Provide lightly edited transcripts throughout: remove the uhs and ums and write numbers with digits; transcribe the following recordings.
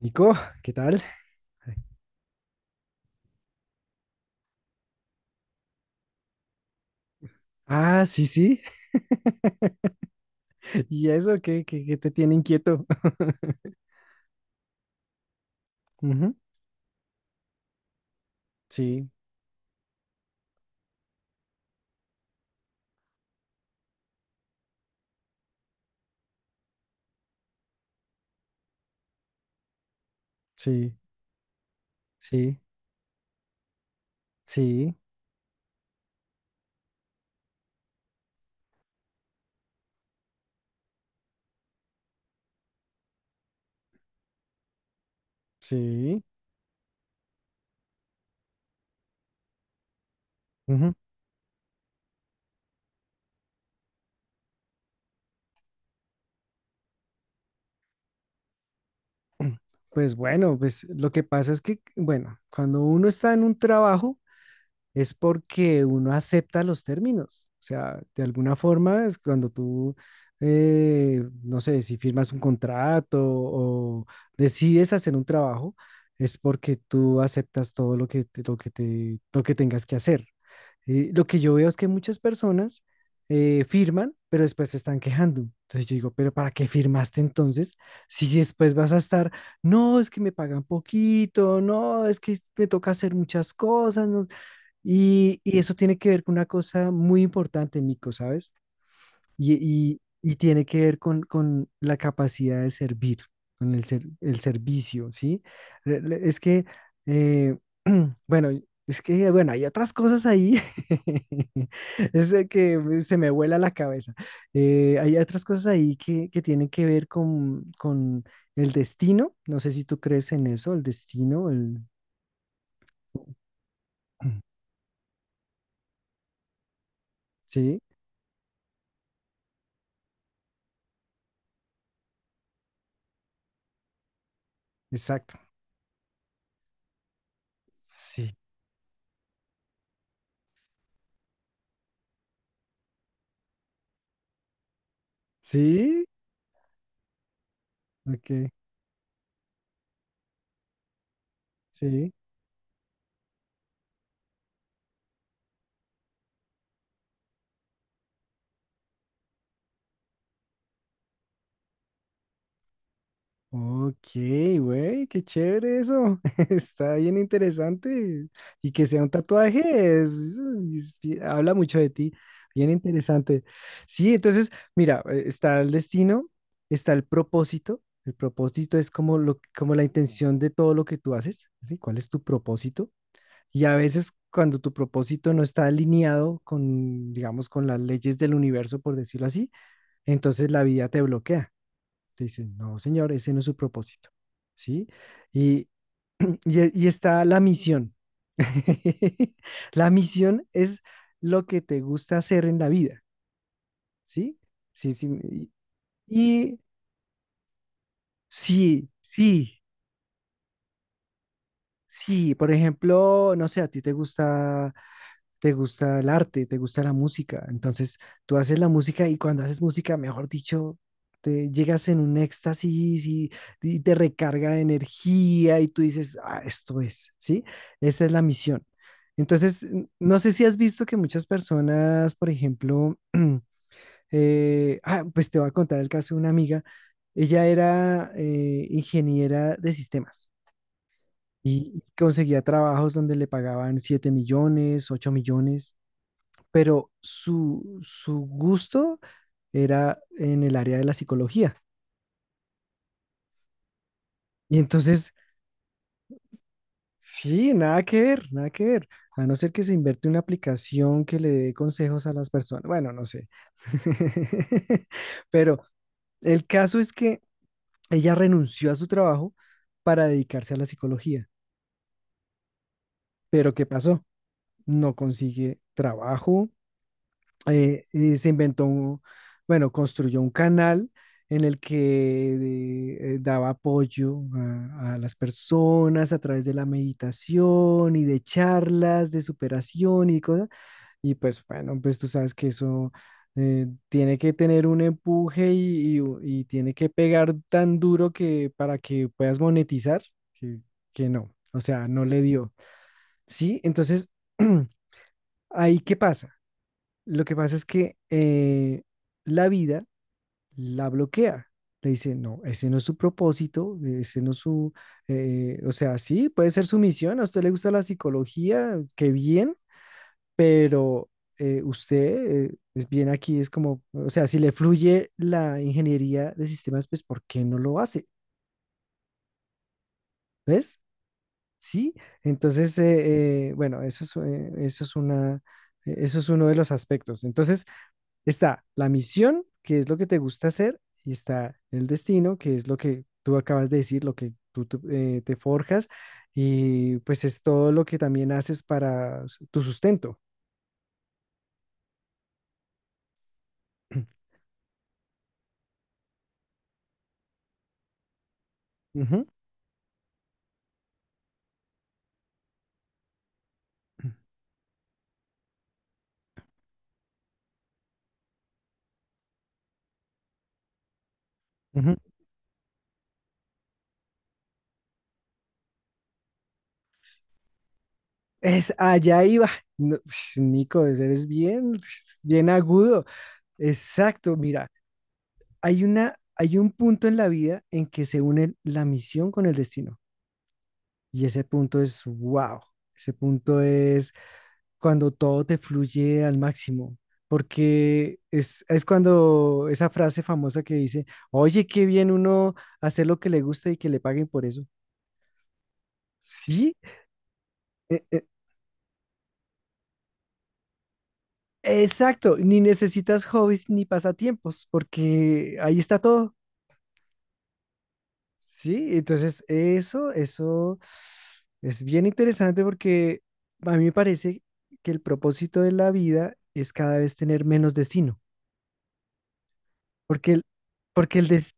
Nico, ¿qué tal? Ah, sí, sí. ¿Y eso qué te tiene inquieto? Ujú. Sí, sí, sí, sí, sí. Ujú. Pues bueno, pues lo que pasa es que, bueno, cuando uno está en un trabajo es porque uno acepta los términos. O sea, de alguna forma es cuando tú, no sé, si firmas un contrato o decides hacer un trabajo, es porque tú aceptas todo lo que tengas que hacer. Lo que yo veo es que muchas personas firman, pero después se están quejando. Entonces yo digo, pero ¿para qué firmaste entonces? Si después vas a estar, no, es que me pagan poquito, no, es que me toca hacer muchas cosas. No". Y eso tiene que ver con una cosa muy importante, Nico, ¿sabes? Y, y tiene que ver con la capacidad de servir, con el servicio, ¿sí? Es que, eh, bueno, es que, bueno, hay otras cosas ahí. Es de que se me vuela la cabeza. Hay otras cosas ahí que tienen que ver con el destino, no sé si tú crees en eso, el destino. Sí, exacto. Sí, sí, ok, sí. Ok, güey, qué chévere eso. Está bien interesante. Y que sea un tatuaje, habla mucho de ti. Bien interesante. Sí, entonces, mira, está el destino, está el propósito. El propósito es como la intención de todo lo que tú haces, ¿sí? ¿Cuál es tu propósito? Y a veces cuando tu propósito no está alineado con, digamos, con las leyes del universo, por decirlo así, entonces la vida te bloquea. Te dicen, no, señor, ese no es su propósito, ¿sí? Y, y está la misión. La misión es lo que te gusta hacer en la vida, ¿sí? Sí, sí. Y sí, sí, sí. Por ejemplo, no sé, a ti te gusta el arte, te gusta la música. Entonces, tú haces la música y cuando haces música, mejor dicho, te llegas en un éxtasis y te recarga de energía y tú dices, ah, esto es, ¿sí? Esa es la misión. Entonces, no sé si has visto que muchas personas, por ejemplo, pues te voy a contar el caso de una amiga. Ella era ingeniera de sistemas y conseguía trabajos donde le pagaban 7 millones, 8 millones, pero su gusto era en el área de la psicología. Y entonces, sí, nada que ver, nada que ver. A no ser que se inverte una aplicación que le dé consejos a las personas. Bueno, no sé. Pero el caso es que ella renunció a su trabajo para dedicarse a la psicología. Pero ¿qué pasó? No consigue trabajo, eh, eh, se inventó un, bueno, construyó un canal en el que daba apoyo a las personas a través de la meditación y de charlas de superación y cosas. Y pues bueno, pues tú sabes que eso tiene que tener un empuje y tiene que pegar tan duro que para que puedas monetizar, que, que no, o sea, no le dio. Sí, entonces, ahí qué pasa. Lo que pasa es que la vida la bloquea. Le dice, no, ese no es su propósito, ese no es su, o sea, sí, puede ser su misión, a usted le gusta la psicología, qué bien, pero usted es bien aquí, es como, o sea, si le fluye la ingeniería de sistemas, pues, ¿por qué no lo hace? ¿Ves? Sí, entonces, bueno, eso es una, eso es uno de los aspectos. Entonces, está la misión, que es lo que te gusta hacer, y está el destino, que es lo que tú acabas de decir, lo que tú, te forjas, y pues es todo lo que también haces para tu sustento. Ujú, ujú. Es allá iba. No, Nico, eres bien, bien agudo. Exacto, mira, hay un punto en la vida en que se une la misión con el destino. Y ese punto es wow. Ese punto es cuando todo te fluye al máximo, porque es cuando esa frase famosa que dice, oye, qué bien uno hacer lo que le gusta y que le paguen por eso. Sí, e- e- exacto, ni necesitas hobbies ni pasatiempos, porque ahí está todo. Sí, entonces eso es bien interesante porque a mí me parece que el propósito de la vida es cada vez tener menos destino, porque el, porque el, des-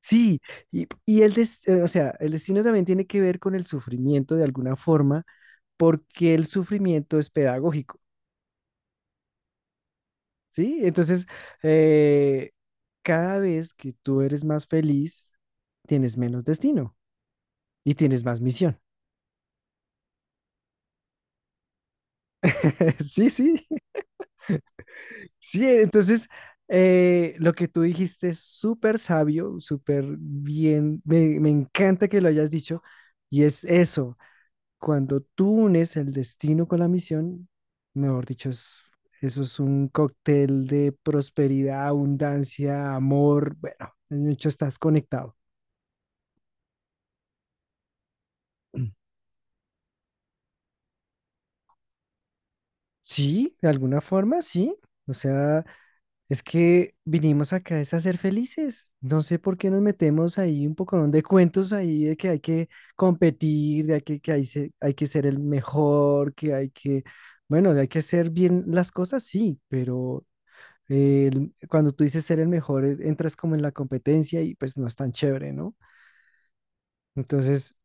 Sí, o sea, el destino también tiene que ver con el sufrimiento de alguna forma, porque el sufrimiento es pedagógico, ¿sí? Entonces, eh, cada vez que tú eres más feliz, tienes menos destino y tienes más misión. Sí, sí, sí. Entonces, lo que tú dijiste es súper sabio, súper bien. Me encanta que lo hayas dicho. Y es eso. Cuando tú unes el destino con la misión, mejor dicho, eso es un cóctel de prosperidad, abundancia, amor. Bueno, en hecho estás conectado. Mm. Sí, de alguna forma, sí. O sea, es que vinimos acá es a ser felices. No sé por qué nos metemos ahí un poco de cuentos ahí de que hay que competir, de que, hay que ser el mejor, bueno, hay que hacer bien las cosas, sí, pero cuando tú dices ser el mejor, entras como en la competencia y pues no es tan chévere, ¿no? Entonces.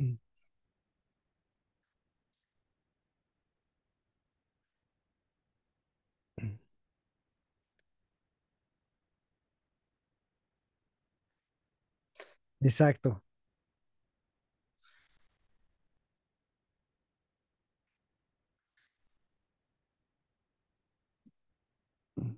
Mm. Mm, exacto. Mm,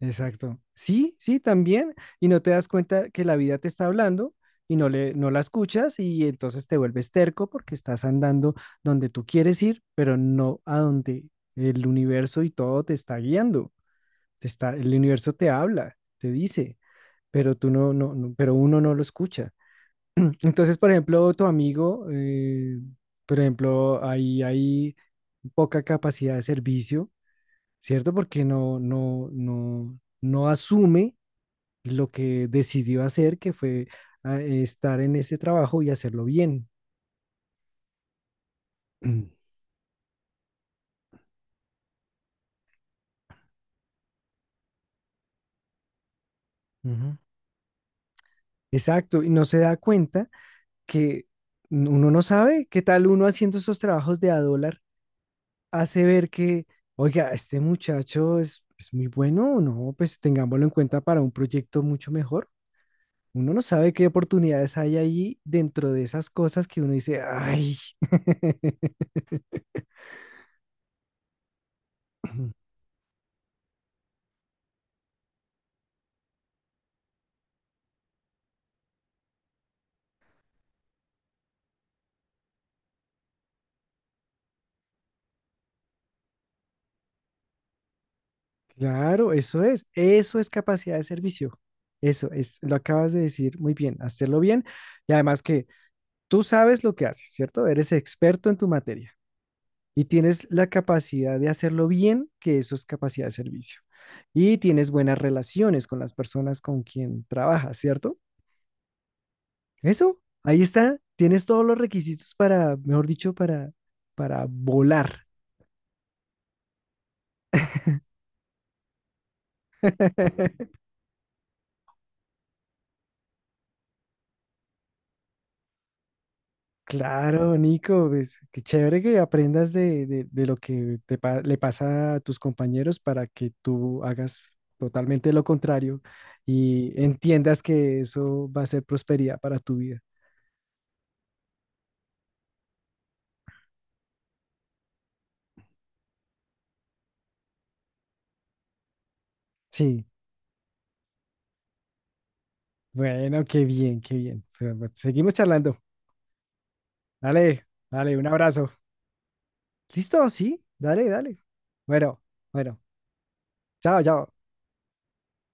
exacto. Sí, sí, también. Y no te das cuenta que la vida te está hablando y no la escuchas y entonces te vuelves terco porque estás andando donde tú quieres ir, pero no a donde el universo y todo te está guiando. El universo te habla, te dice, pero tú no, no, no- pero uno no lo escucha. Entonces, por ejemplo, tu amigo, por ejemplo, ahí hay poca capacidad de servicio, ¿cierto? Porque no asume lo que decidió hacer, que fue estar en ese trabajo y hacerlo bien. Ujú. Exacto, y no se da cuenta que uno no sabe qué tal uno haciendo esos trabajos de a dólar hace ver que, oiga, este muchacho es muy bueno, no, pues tengámoslo en cuenta para un proyecto mucho mejor. Uno no sabe qué oportunidades hay allí dentro de esas cosas que uno dice, ay, claro, eso es capacidad de servicio. Eso es, lo acabas de decir muy bien, hacerlo bien y además que tú sabes lo que haces, ¿cierto? Eres experto en tu materia y tienes la capacidad de hacerlo bien, que eso es capacidad de servicio. Y tienes buenas relaciones con las personas con quien trabajas, ¿cierto? Eso, ahí está. Tienes todos los requisitos para, mejor dicho, para volar. Claro, Nico, pues, qué chévere que aprendas de lo que le pasa a tus compañeros para que tú hagas totalmente lo contrario y entiendas que eso va a ser prosperidad para tu vida. Sí, bueno, qué bien, qué bien. Pero, pues, seguimos charlando. Dale, dale, un abrazo. ¿Listo? Sí, dale, dale. Bueno, bueno, chao, chao.